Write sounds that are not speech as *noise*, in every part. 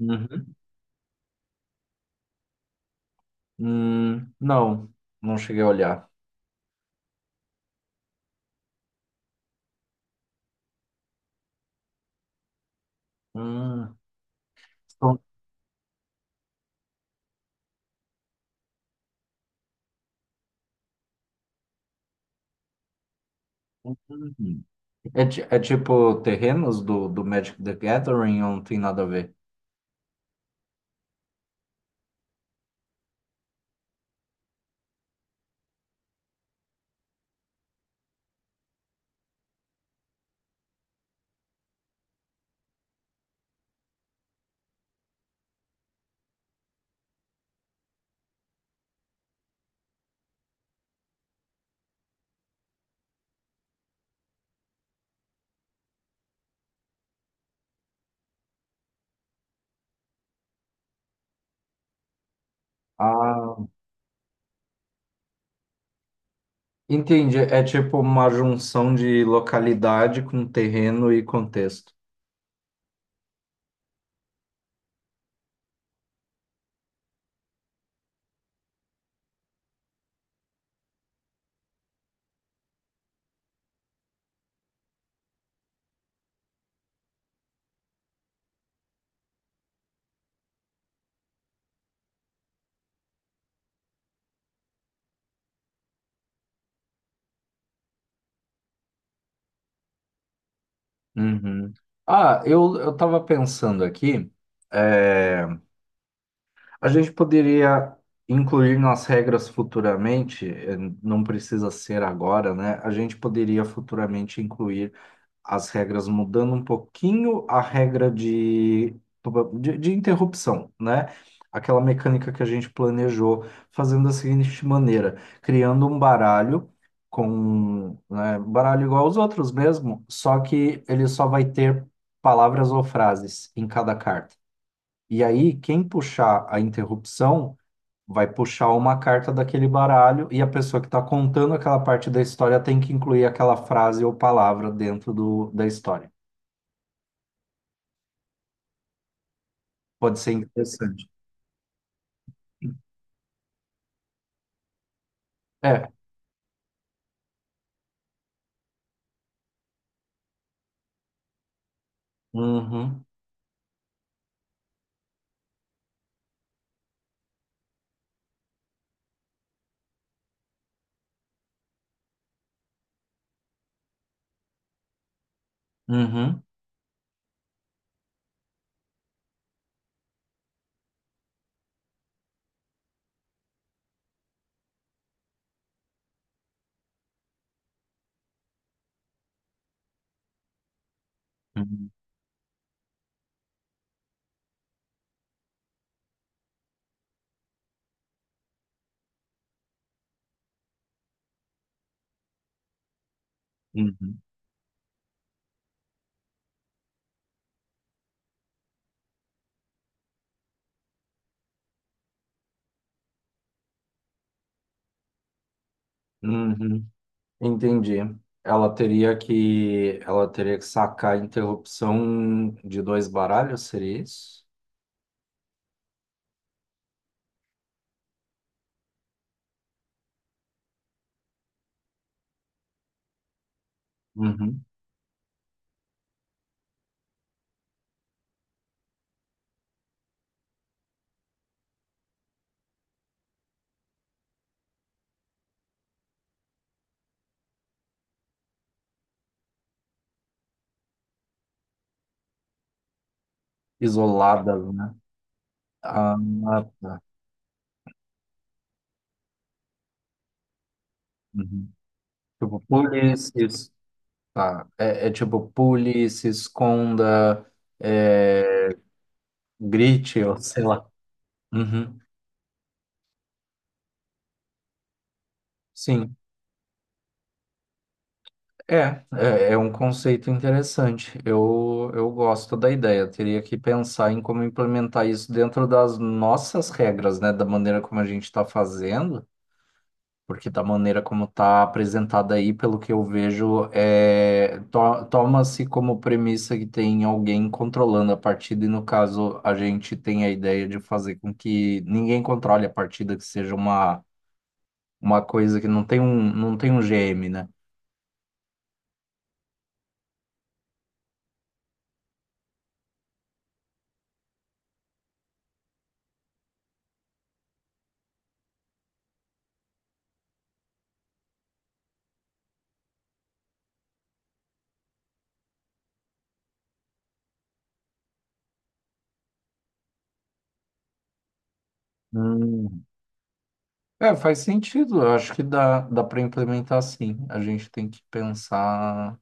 Uhum. Não, não cheguei a olhar. Hum, são- Uhum. É, é tipo terrenos do Magic the Gathering ou não tem nada a ver? Ah, entendi. É tipo uma junção de localidade com terreno e contexto. Uhum. Ah, eu tava pensando aqui, é, a gente poderia incluir nas regras futuramente, não precisa ser agora, né? A gente poderia futuramente incluir as regras mudando um pouquinho a regra de interrupção, né? Aquela mecânica que a gente planejou fazendo da seguinte maneira, criando um baralho com, né, baralho igual aos outros mesmo, só que ele só vai ter palavras ou frases em cada carta. E aí, quem puxar a interrupção vai puxar uma carta daquele baralho e a pessoa que está contando aquela parte da história tem que incluir aquela frase ou palavra dentro da história. Pode ser interessante. É. Uhum, uhum, uhum, uhum, uhum. Entendi. Ela teria que sacar a interrupção de dois baralhos, seria isso? Uhum. Isoladas, né? Ah, tá. Uhum. Tipo, pule, se es- tá. É, é tipo, pule, se esconda, é, grite, ou sei lá. Uhum. Sim. É, é, é um conceito interessante. Eu gosto da ideia. Teria que pensar em como implementar isso dentro das nossas regras, né? Da maneira como a gente está fazendo, porque da maneira como está apresentada aí, pelo que eu vejo, é, toma-se como premissa que tem alguém controlando a partida, e no caso, a gente tem a ideia de fazer com que ninguém controle a partida, que seja uma coisa que não tem um, não tem um GM, né? É, faz sentido. Eu acho que dá para implementar sim. A gente tem que pensar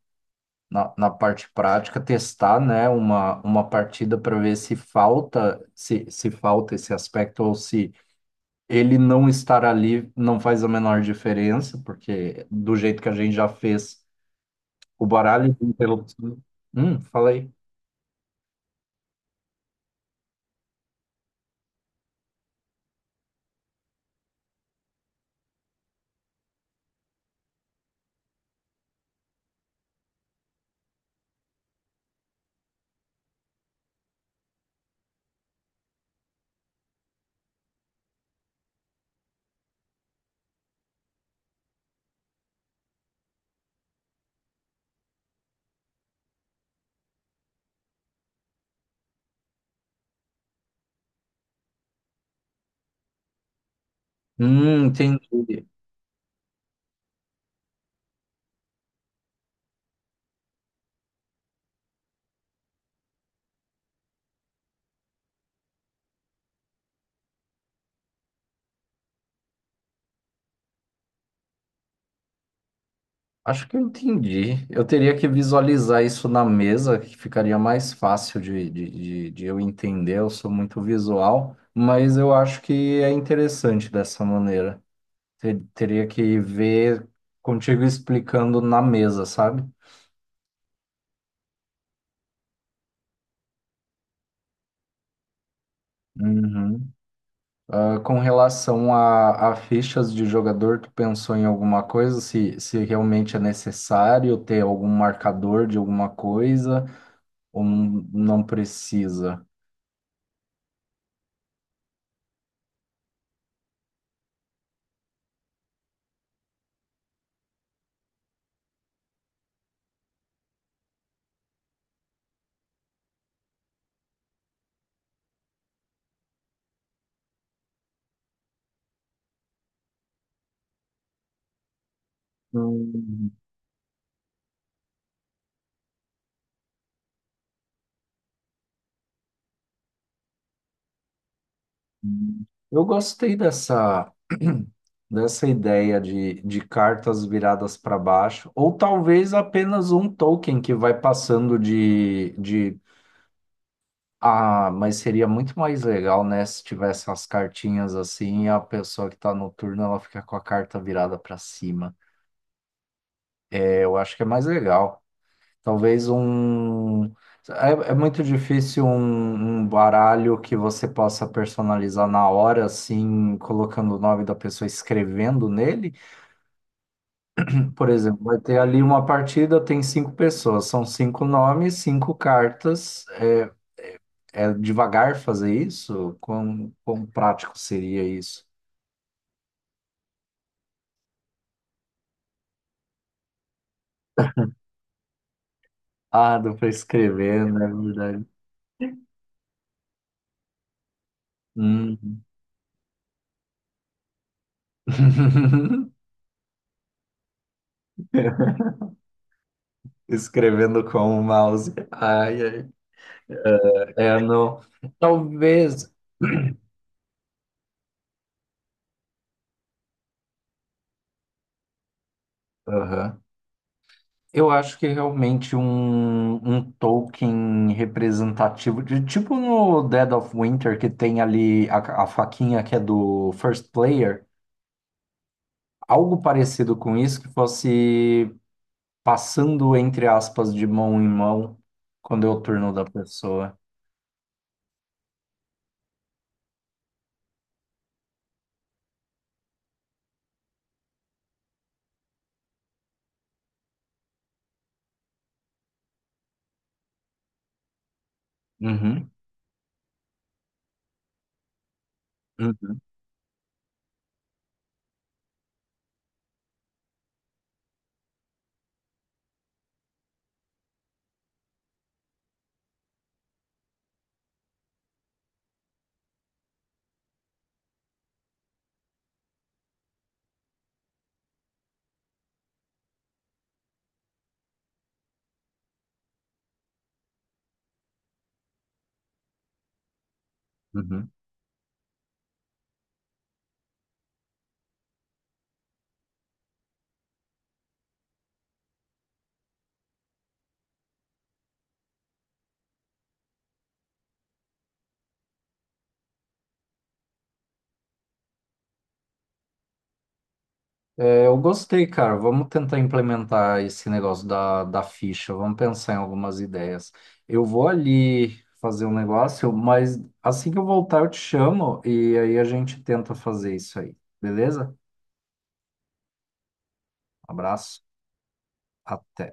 na parte prática, testar, né, uma partida para ver se falta, se falta esse aspecto ou se ele não estar ali não faz a menor diferença, porque do jeito que a gente já fez o baralho pelo. Falei. Entendi. Acho que eu entendi. Eu teria que visualizar isso na mesa, que ficaria mais fácil de eu entender. Eu sou muito visual, mas eu acho que é interessante dessa maneira. Teria que ver contigo explicando na mesa, sabe? Uhum. Ah, com relação a fichas de jogador, tu pensou em alguma coisa? Se realmente é necessário ter algum marcador de alguma coisa ou não precisa? Hum. Eu gostei dessa, *clears throat* dessa ideia de cartas viradas para baixo, ou talvez apenas um token que vai passando de, de. Ah, mas seria muito mais legal, né, se tivesse as cartinhas assim e a pessoa que está no turno ela fica com a carta virada para cima. É, eu acho que é mais legal. Talvez um. É, é muito difícil um baralho que você possa personalizar na hora, assim, colocando o nome da pessoa, escrevendo nele. Por exemplo, vai ter ali uma partida, tem cinco pessoas, são cinco nomes, cinco cartas. É, é devagar fazer isso? Quão prático seria isso? Ah, dá para escrever, né? É verdade. Hum. *laughs* Escrevendo com o mouse. Ai, ai. É, não. Talvez. Aham. Eu acho que é realmente um token representativo, de, tipo no Dead of Winter, que tem ali a faquinha que é do first player, algo parecido com isso, que fosse passando, entre aspas, de mão em mão, quando é o turno da pessoa. Uhum, uhum, uhum. É, eu gostei, cara. Vamos tentar implementar esse negócio da ficha. Vamos pensar em algumas ideias. Eu vou ali fazer um negócio, mas assim que eu voltar, eu te chamo e aí a gente tenta fazer isso aí. Beleza? Abraço. Até.